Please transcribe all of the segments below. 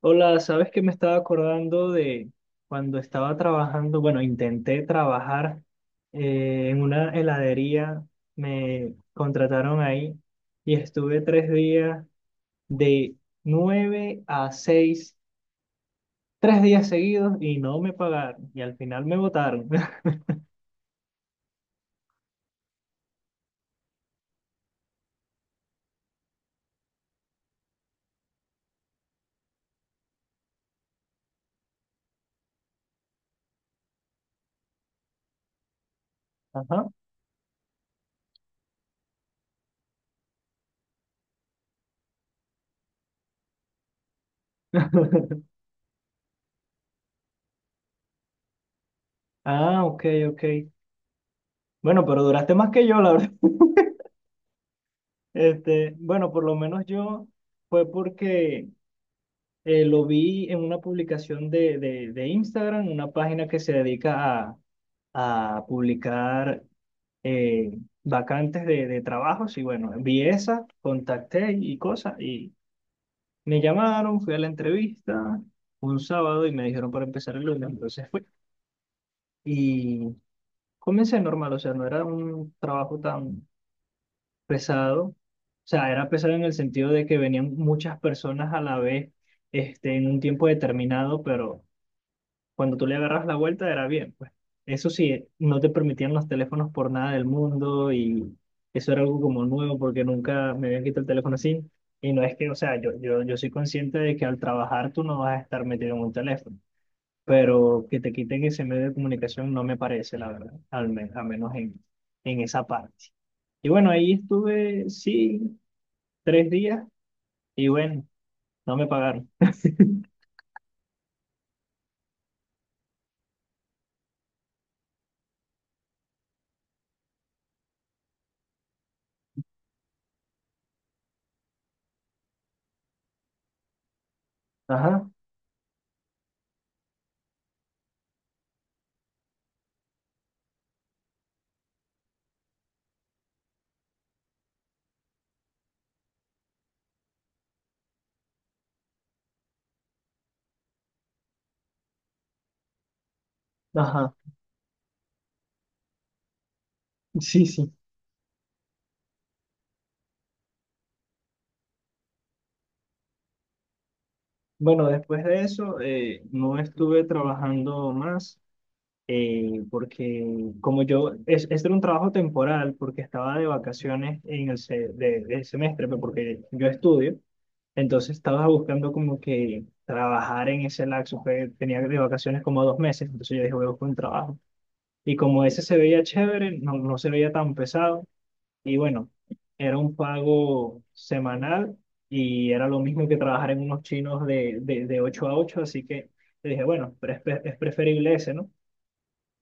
Hola, ¿sabes que me estaba acordando de cuando estaba trabajando? Bueno, intenté trabajar en una heladería, me contrataron ahí y estuve 3 días de 9 a 6, 3 días seguidos y no me pagaron y al final me botaron. Ajá. Ah, ok, ok. Bueno, pero duraste más que yo, la verdad. Este, bueno, por lo menos yo fue porque lo vi en una publicación de Instagram, una página que se dedica a publicar eh, vacantes de trabajos. Y bueno, vi esa, contacté y cosas. Y me llamaron, fui a la entrevista un sábado y me dijeron para empezar el lunes. Entonces fui. Y comencé normal, o sea, no era un trabajo tan pesado. O sea, era pesado en el sentido de que venían muchas personas a la vez este, en un tiempo determinado, pero cuando tú le agarras la vuelta era bien, pues. Eso sí, no te permitían los teléfonos por nada del mundo y eso era algo como nuevo porque nunca me habían quitado el teléfono así. Y no es que, o sea, yo soy consciente de que al trabajar tú no vas a estar metido en un teléfono, pero que te quiten ese medio de comunicación no me parece, la verdad, a menos en esa parte. Y bueno, ahí estuve, sí, tres días y bueno, no me pagaron. Ajá, ajá, sí, sí. Bueno, después de eso no estuve trabajando más porque como yo, este era un trabajo temporal porque estaba de vacaciones en del semestre, pero porque yo estudio, entonces estaba buscando como que trabajar en ese lapso, que tenía de vacaciones como 2 meses, entonces yo dije voy a buscar un trabajo. Y como ese se veía chévere, no, no se veía tan pesado, y bueno, era un pago semanal y era lo mismo que trabajar en unos chinos de 8 a 8 así que le dije, bueno, pero es preferible ese, ¿no?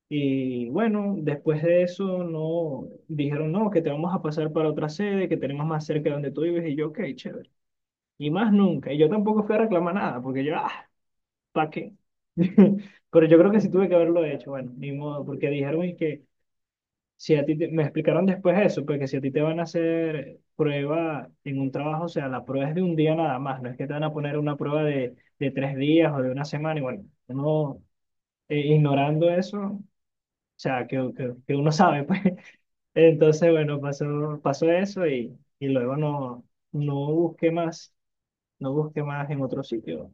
Y bueno, después de eso, no, dijeron, no, que te vamos a pasar para otra sede, que tenemos más cerca de donde tú vives, y yo, ok, chévere. Y más nunca, y yo tampoco fui a reclamar nada, porque yo, ah, ¿para qué? Pero yo creo que sí tuve que haberlo hecho, bueno, ni modo, porque dijeron y que si a ti me explicaron después eso, porque si a ti te van a hacer prueba en un trabajo, o sea, la prueba es de un día nada más, no es que te van a poner una prueba de 3 días o de una semana, y bueno, uno ignorando eso, o sea, que uno sabe, pues. Entonces, bueno, pasó, pasó eso y luego no, no busqué más, no busqué más en otro sitio.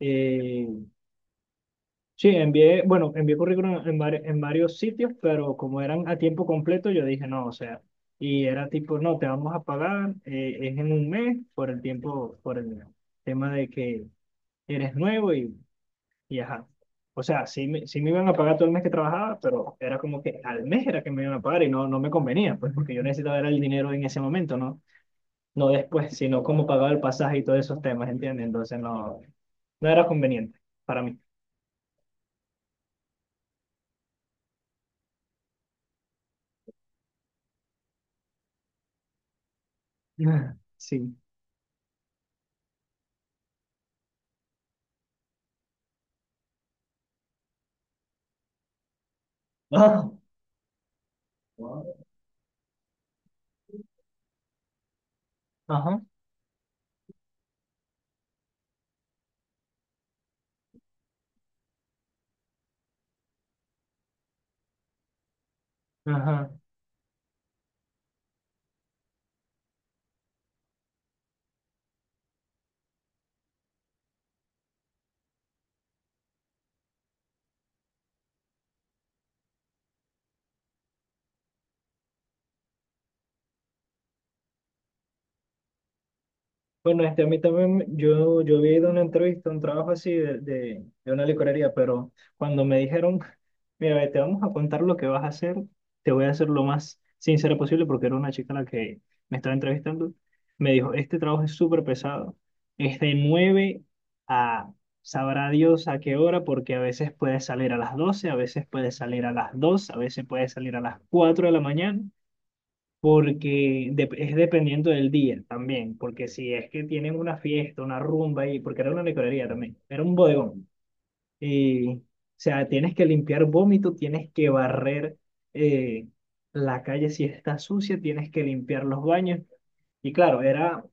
Eh, Sí, envié, bueno, envié currículum en varios sitios, pero como eran a tiempo completo, yo dije no, o sea, y era tipo, no, te vamos a pagar, es en un mes por el tiempo, por el tema de que eres nuevo y ajá. O sea, sí me iban a pagar todo el mes que trabajaba, pero era como que al mes era que me iban a pagar y no, no me convenía, pues porque yo necesitaba era el dinero en ese momento, ¿no? No después, sino como pagaba el pasaje y todos esos temas, ¿entiendes? Entonces no, no era conveniente para mí. Sí. Ajá, ajá. Bueno, este, a mí también, yo había ido a una entrevista, un trabajo así de una licorería, pero cuando me dijeron, mira, ve, te vamos a contar lo que vas a hacer, te voy a hacer lo más sincera posible, porque era una chica la que me estaba entrevistando, me dijo, este trabajo es súper pesado, es de 9 a, sabrá Dios a qué hora, porque a veces puedes salir a las 12 a veces puedes salir a las 2 a veces puedes salir a las 4 de la mañana, porque es dependiendo del día también, porque si es que tienen una fiesta, una rumba, y, porque era una licorería también, era un bodegón, y, o sea, tienes que limpiar vómito, tienes que barrer eh, la calle si está sucia, tienes que limpiar los baños, y claro, era,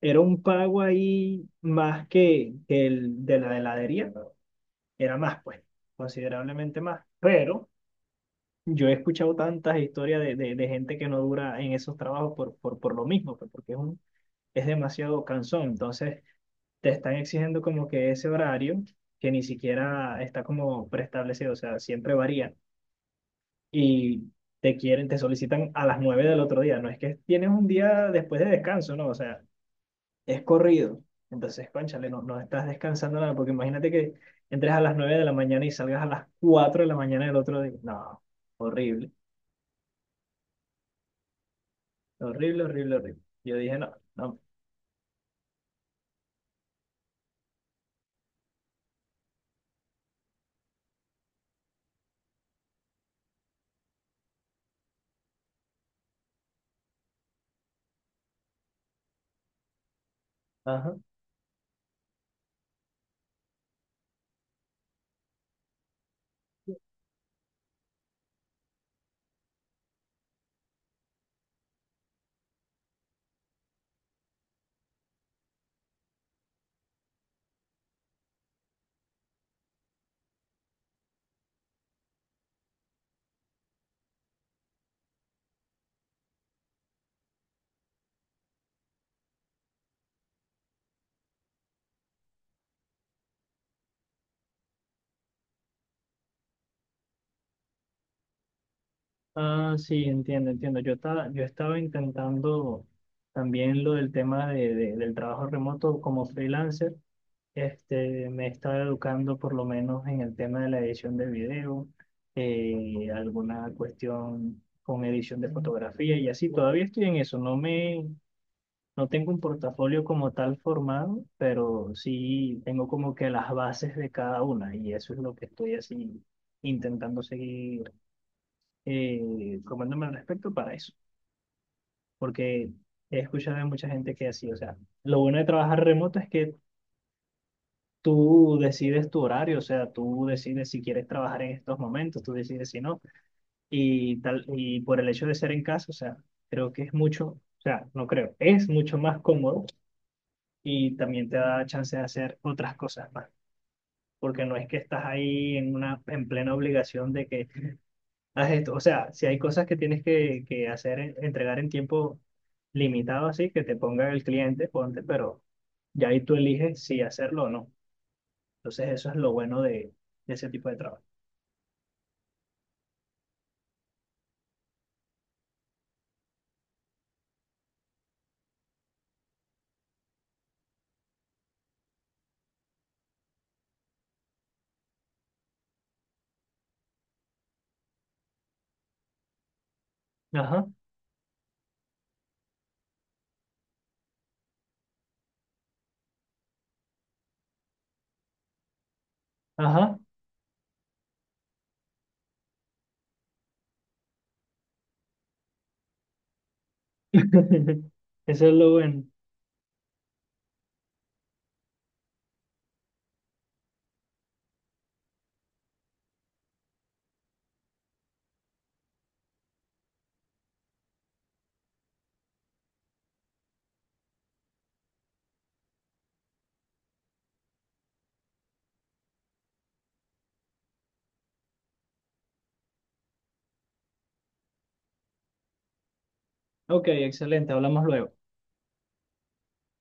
era un pago ahí más que el de la heladería, era más, pues, considerablemente más, pero. Yo he escuchado tantas historias de gente que no dura en esos trabajos por lo mismo, pues, porque es demasiado cansón. Entonces, te están exigiendo como que ese horario que ni siquiera está como preestablecido, o sea, siempre varía. Y te solicitan a las 9 del otro día. No es que tienes un día después de descanso, no, o sea, es corrido. Entonces, cónchale, no, no estás descansando nada, porque imagínate que entres a las 9 de la mañana y salgas a las 4 de la mañana del otro día. No, horrible. Horrible, horrible, horrible. Yo dije, no, no. Ajá. Ah, sí, entiendo, entiendo. Yo estaba intentando también lo del tema de, del trabajo remoto como freelancer. Este, me estaba educando por lo menos en el tema de la edición de video, alguna cuestión con edición de fotografía y así. Todavía estoy en eso. No tengo un portafolio como tal formado, pero sí tengo como que las bases de cada una y eso es lo que estoy así intentando seguir formándome al respecto para eso, porque he escuchado de mucha gente que así, o sea, lo bueno de trabajar remoto es que tú decides tu horario, o sea, tú decides si quieres trabajar en estos momentos, tú decides si no, y tal, y por el hecho de ser en casa, o sea, creo que es mucho, o sea, no creo, es mucho más cómodo y también te da chance de hacer otras cosas más, porque no es que estás ahí en plena obligación de que haz esto, o sea, si hay cosas que tienes que hacer, entregar en tiempo limitado así, que te ponga el cliente, ponte, pero ya ahí tú eliges si hacerlo o no. Entonces eso es lo bueno de ese tipo de trabajo. Ajá, ajá. Eso es lo bueno. Ok, excelente, hablamos luego.